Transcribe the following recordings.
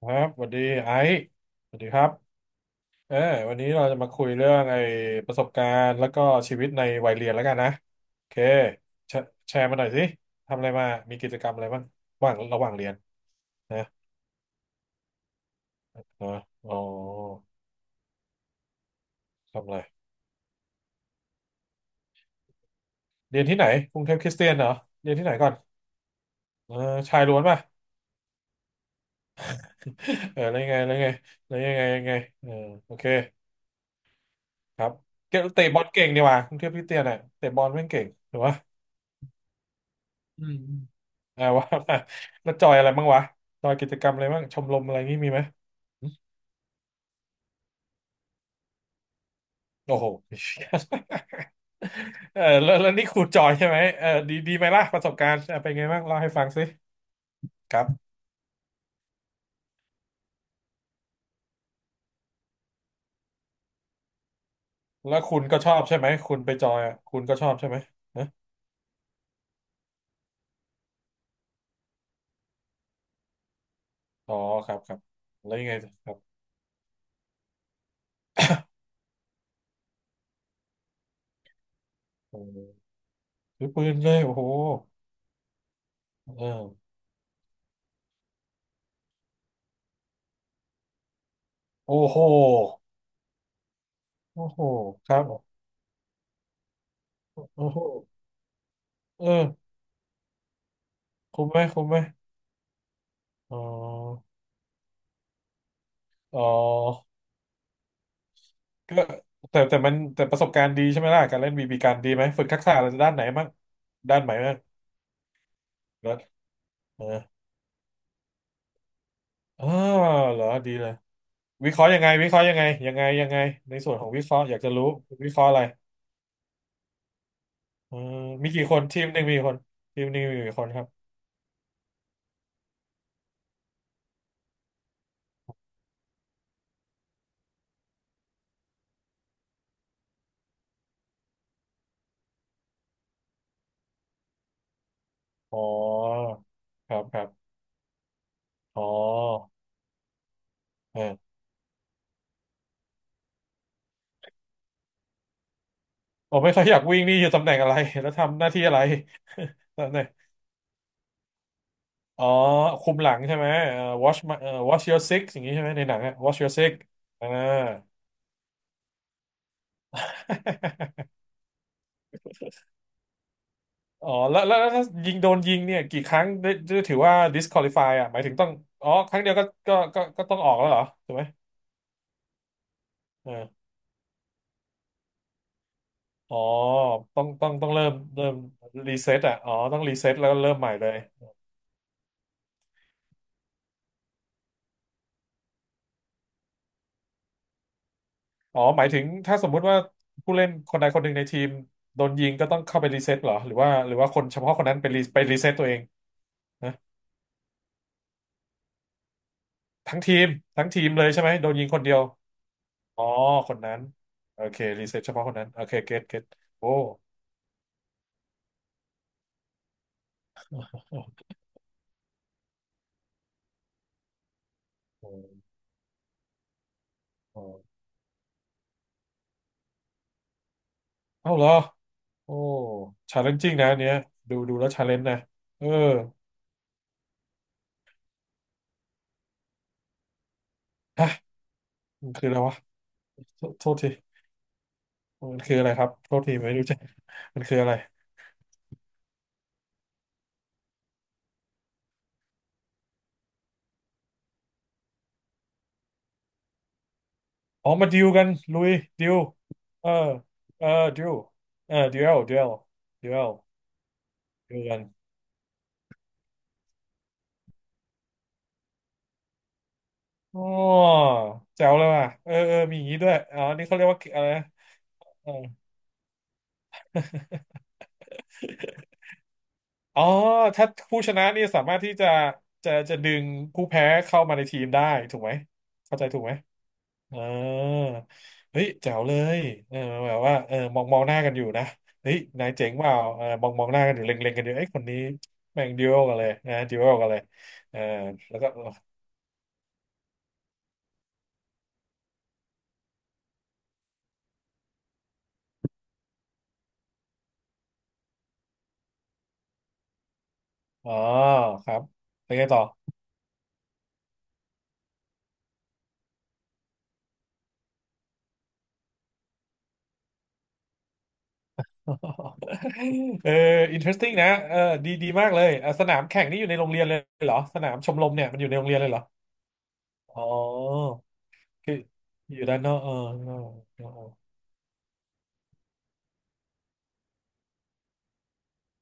ครับสวัสดีไอซ์สวัสดีครับเออวันนี้เราจะมาคุยเรื่องไอ้ประสบการณ์แล้วก็ชีวิตในวัยเรียนแล้วกันนะโอเคแชแชร์มาหน่อยสิทำอะไรมามีกิจกรรมอะไรบ้างระหว่างเรียนนะนะอ๋อทำอะไรเรียนที่ไหนกรุงเทพคริสเตียนเหรอเรียนที่ไหนก่อนเออชายล้วนป่ะ เออแล้วยังไงแล้วยังไงแล้วยังไงยังไงเออโอเคครับเกเตะบอลเก่งดีว่ยกรุงเทพคริสเตียนอ่ะเตะบอลแม่งเก่งถูกปะอืม อ่าว่า มาแล้วจอยอะไรบ้างวะจอยกิจกรรมอะไรบ้างชมรมอะไรงี้มีไหมหึโอ้โห เออแล้วนี่คุณจอยใช่ไหมเออดีดีไหมล่ะประสบการณ์เออเป็นไงบ้างเล่าให้ฟังสิครับแล้วคุณก็ชอบใช่ไหมคุณไปจอยอ่ะคุณก็ชอบใช่ไหมนะอ๋อครับครับแล้วยังไงครับเออถือปืนเลยโอ้โหเออโอ้โหโอ้โหครับโอ้โหเออคุ้มไหมคุ้มไหมอ๋ออ๋อ ก็แต่ประสบการณ์ดีใช่ไหมล่ะการเล่นบีบีกันดีไหมฝึกทักษะอะไรด้านไหนบ้างด้านไหนบ้างแล้วเอออ๋อเหรอดีเลยวิเคราะห์ยังไงวิเคราะห์ยังไงยังไงยังไงในส่วนของวิเคราะห์อยากจะรู้วิเคราะห์อะไรเออมีกี่คนทีมหนึ่งมีกี่คนทีมหนึ่งมีกี่คนครับอ๋อครับครับอ๋อเออผมไม่ค่อยอยากวิ่งนี่อยู่ตำแหน่งอะไร แล้วทำหน้าที่อะไร ตำแหน่งอ๋อคุมหลังใช่ไหมwatch my- watch your six อย่างนี้ใช่ไหมในหนังอะ watch your six อ่า อ๋อแล้วถ้ายิงโดนยิงเนี่ยกี่ครั้งได้ถือว่า disqualify อ่ะหมายถึงต้องอ๋อครั้งเดียวก็ต้องออกแล้วเหรอถูกไหมเอออ๋อต้องเริ่มรีเซ็ตอ่ะอ๋อต้องรีเซ็ตแล้วก็เริ่มใหม่เลยอ๋อหมายถึงถ้าสมมุติว่าผู้เล่นคนใดคนหนึ่งในทีมโดนยิงก็ต้องเข้าไปรีเซ็ตเหรอหรือว่าคนเฉพาะคนนั้นไปรีเซ็ตตัวเองนะทั้งทีมทั้งทีมเลยใช่ไหมโดนยิงคนเดียวอ๋อคนนั้นโอเครีเซ็ตเฉพาะคนนั้นโอเคเก็ตเก็ตโอ้ เอ้าเหรอโอ้ชาเลนจิ้งนะอันเนี้ยดูดูแล้วชาเลนจ์นะเออฮะมันคืออะไรวะโทษโทษทีมันคืออะไรครับโทษทีไม่รู้จัก มันคืออะไรอ๋อมาดิวกันลุยดิวเออเออดิวเออดิวดิวดิวดิวกันอ๋อแจ๋วเลยว่ะเออเออมีอย่างนี้ด้วยอ๋อนี่เขาเรียกว่าอะไรนะเอออ๋อถ้าผู้ชนะนี่สามารถที่จะจะดึงผู้แพ้เข้ามาในทีมได้ถูกไหมเข้าใจถูกไหม เออเฮ้ยแจ๋วเลยเออแบบว่าเออมองมองหน้ากันอยู่นะเฮ้ยนายเจ๋งเปล่าเออมองมองหน้ากันอยู่เล็งเล็งกันอยู่เอ้ยคนนี้แม่งดิวกันเลยนะดิวกันเลยเออแล้วก็อ๋อครับเป็นไงต่อ เออ interesting นะเออดีดีมากเลยอะสนามแข่งนี่อยู่ในโรงเรียนเลยเหรอสนามชมรมเนี่ยมันอยู่ในโรงเรียนเลยเหรออ๋อคืออยู่ด้านนอกอ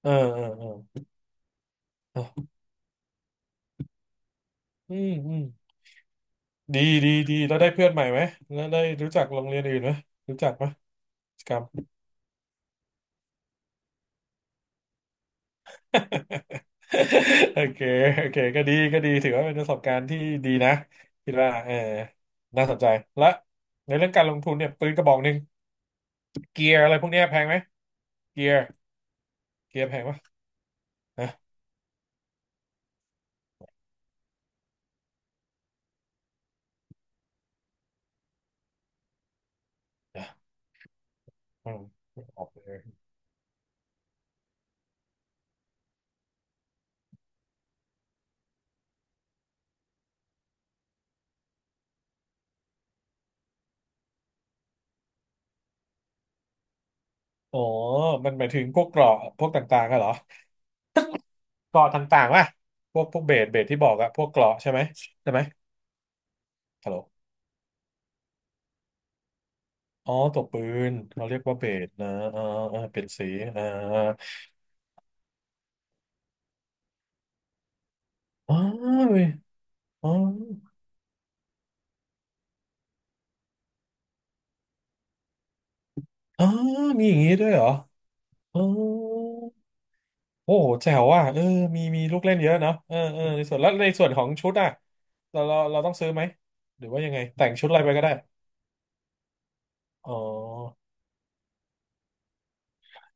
เออเออเออเออเอออืมอืม ดีดีดีแล้วได้เพื่อนใหม่ไหมแล้วได้รู้จักโรงเรียนอื่นไหมรู้จักไหมกิจกรร โอเคโอเคก็ดีก็ดีถือว่าเป็นประสบการณ์ที่ดีนะคิดว่าเออน่าสนใจและในเรื่องการลงทุนเนี่ยปืนกระบอกหนึ่งเกียร์อะไรพวกเนี้ยแพงไหมเกียร์เกียร์แพงปะนะนะอืมไม่ออกเลย อ๋อมันหมายถึงพวกเกราะพวกต่างๆอะเหรอเกราะต่างๆวะพวกพวกเบสที่บอกอะพวกเกราะใช่ไหมใช่ไหมฮัลโหล อ๋อตัวปืนเขาเรียกว่าเบสนะอ่าอ่าเป็นสีอ่าอ๋อเว้ยอ๋ออ๋อมีอย่างนี้ด้วยเหรออ๋อโอ้โหแจ๋วอ่ะเออมีมีลูกเล่นเยอะเนาะเออเออในส่วนแล้วในส่วนของชุดอ่ะเราต้องซื้อไหมหรือว่ายังไงแต่งชุดอะไรไปก็ได้อ๋อ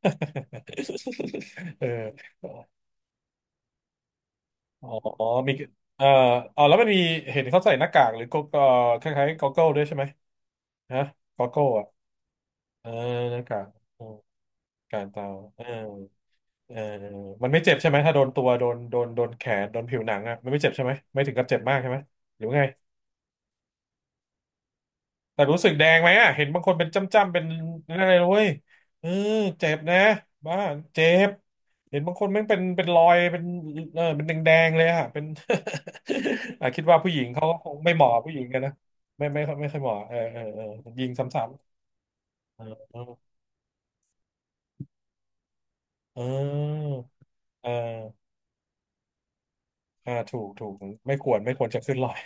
เอออ๋ออ๋อมีเอ่ออ๋อแล้วมันมีเห็นเขาใส่หน้ากากหรือก็ก็คล้ายๆก็อ g เกิลด้วยใช่ไหมฮะก็อ g เกิลอ่ะเออหน้ากาก การเตาเออเออมันไม่เจ็บใช่ไหมถ้าโดนตัวโดนโดนแขนโดนผิวหนังอ่ะมันไม่เจ็บใช่ไหมไม่ถึงกับเจ็บมากใช่ไหมหรือว่าไงแต่รู้สึกแดงไหมอ่ะเห็นบางคนเป็นจ้ำๆเป็นอะไรเลยเว้ยเออเจ็บนะบ้าเจ็บเห็นบางคนแม่งเป็นรอยเป็นเออเป็นแดงๆเลยอ่ะเป็น อ่ะคิดว่าผู้หญิงเขาก็คงไม่เหมาะผู้หญิงกันนะไม่ไม่ค่อยเหมาะเออเออเออยิงซ้ำๆเออเออเออ อ่าถูกไม่ควรจะขึ้นลอย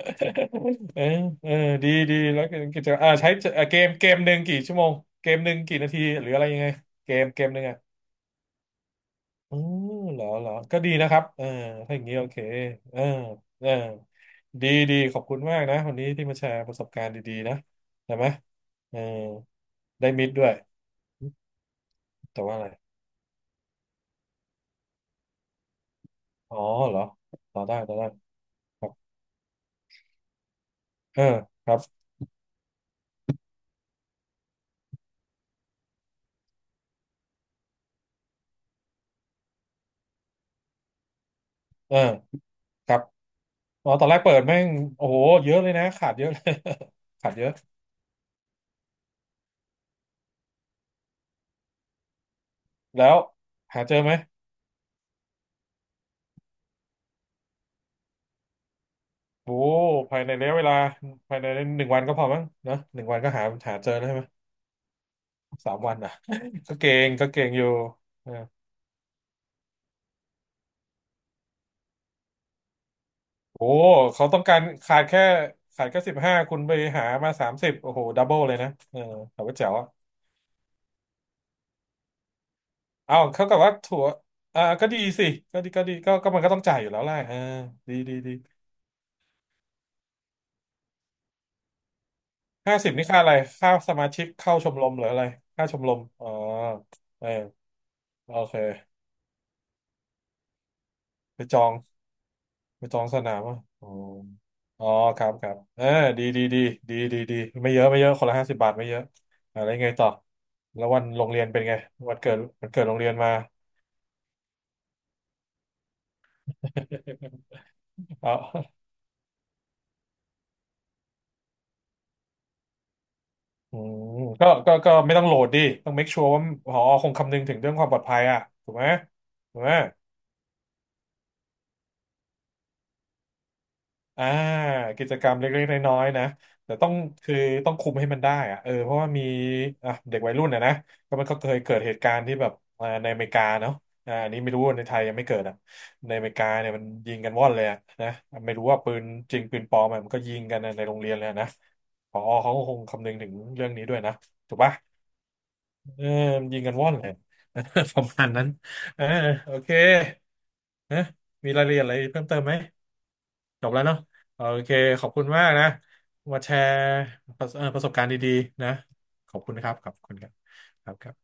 เออเออดีดีแล้วกิจกรรมอ่าใช้เกมเกมหนึ่งกี่ชั่วโมงเกมหนึ่งกี่นาทีหรืออะไรยังไงเกมหนึ่งอ่ะอืมเหรอเหรอก็ดีนะครับเออถ้าอย่างนี้โอเคเออเออดีดีขอบคุณมากนะวันนี้ที่มาแชร์ประสบการณ์ดีๆนะได้ไหมเออได้มิตรด้วยแต่ว่าอะไรอ๋อเหรอต่อได้ต่อได้ครับเออครับเออครับ อ๋อตอนแรกเปิดแม่งโอ้โหเยอะเลยนะขาดเยอะเลย ขาดเยอะแล้วหาเจอไหมโอ้โหภายในระยะเวลาภายในหนึ่งวันก็พอมั้งเนอะหนึ่งวันก็หาหาเจอแล้วใช่ไหมสามวันอ่ะ ก็เก่งก็เก่งอยู่เออโอ้โหเขาต้องการขาดแค่ขาดแค่15คุณไปหามา30โอ้โหดับเบิลเลยนะเออแต่ว่าแจ๋วอะเอาเขากับว่าถั่วอ่าก็ดีสิก็ดีก็ดีก็มันก็ต้องจ่ายอยู่แล้วแหละเออดีดีดี ห้าสิบนี่ค่าอะไรค่าสมาชิกเข้าชมรมหรืออะไรค่าชมรมอ๋อเออโอเคไปจองไปจองสนามอ่ะอ๋ออ๋อครับครับเออดีดีดีดีดีดีไม่เยอะไม่เยอะคนละ50 บาทไม่เยอะอะไรไงต่อแล้ววันโรงเรียนเป็นไงวันเกิดวันเกิดโรงเรียนมา เอาอืมก็ก็ไม่ต้องโหลดดิต้อง make sure ว่าผอคงคำนึงถึงเรื่องความปลอดภัยอ่ะถูกไหมถูกไหม อ่ากิจกรรมเล็กๆน้อยๆนะแต่ต้องคือต้องคุมให้มันได้อะเออเพราะว่ามีอ่ะเด็กวัยรุ่นนะนะมันก็เคยเกิดเหตุการณ์ที่แบบอ่าในอเมริกาเนาะอ่าอันนี้ไม่รู้ว่าในไทยยังไม่เกิดอ่ะในอเมริกาเนี่ยมันยิงกันว่อนเลยอะนะไม่รู้ว่าปืนจริงปืนปลอมอะมันก็ยิงกันในโรงเรียนเลยอะนะผอเขาก็คงคำนึงถึงเรื่องนี้ด้วยนะถูกปะเออยิงกันว่อนเลย ประมาณนั้นเออโอเคนะมีรายละเอียดอะไรเพิ่มเติมไหม จบแล้วเนาะโอเคขอบคุณมากนะมาแชร์ประสประสบการณ์ดีๆนะขอบคุณนะครับขอบคุณครับครับครับ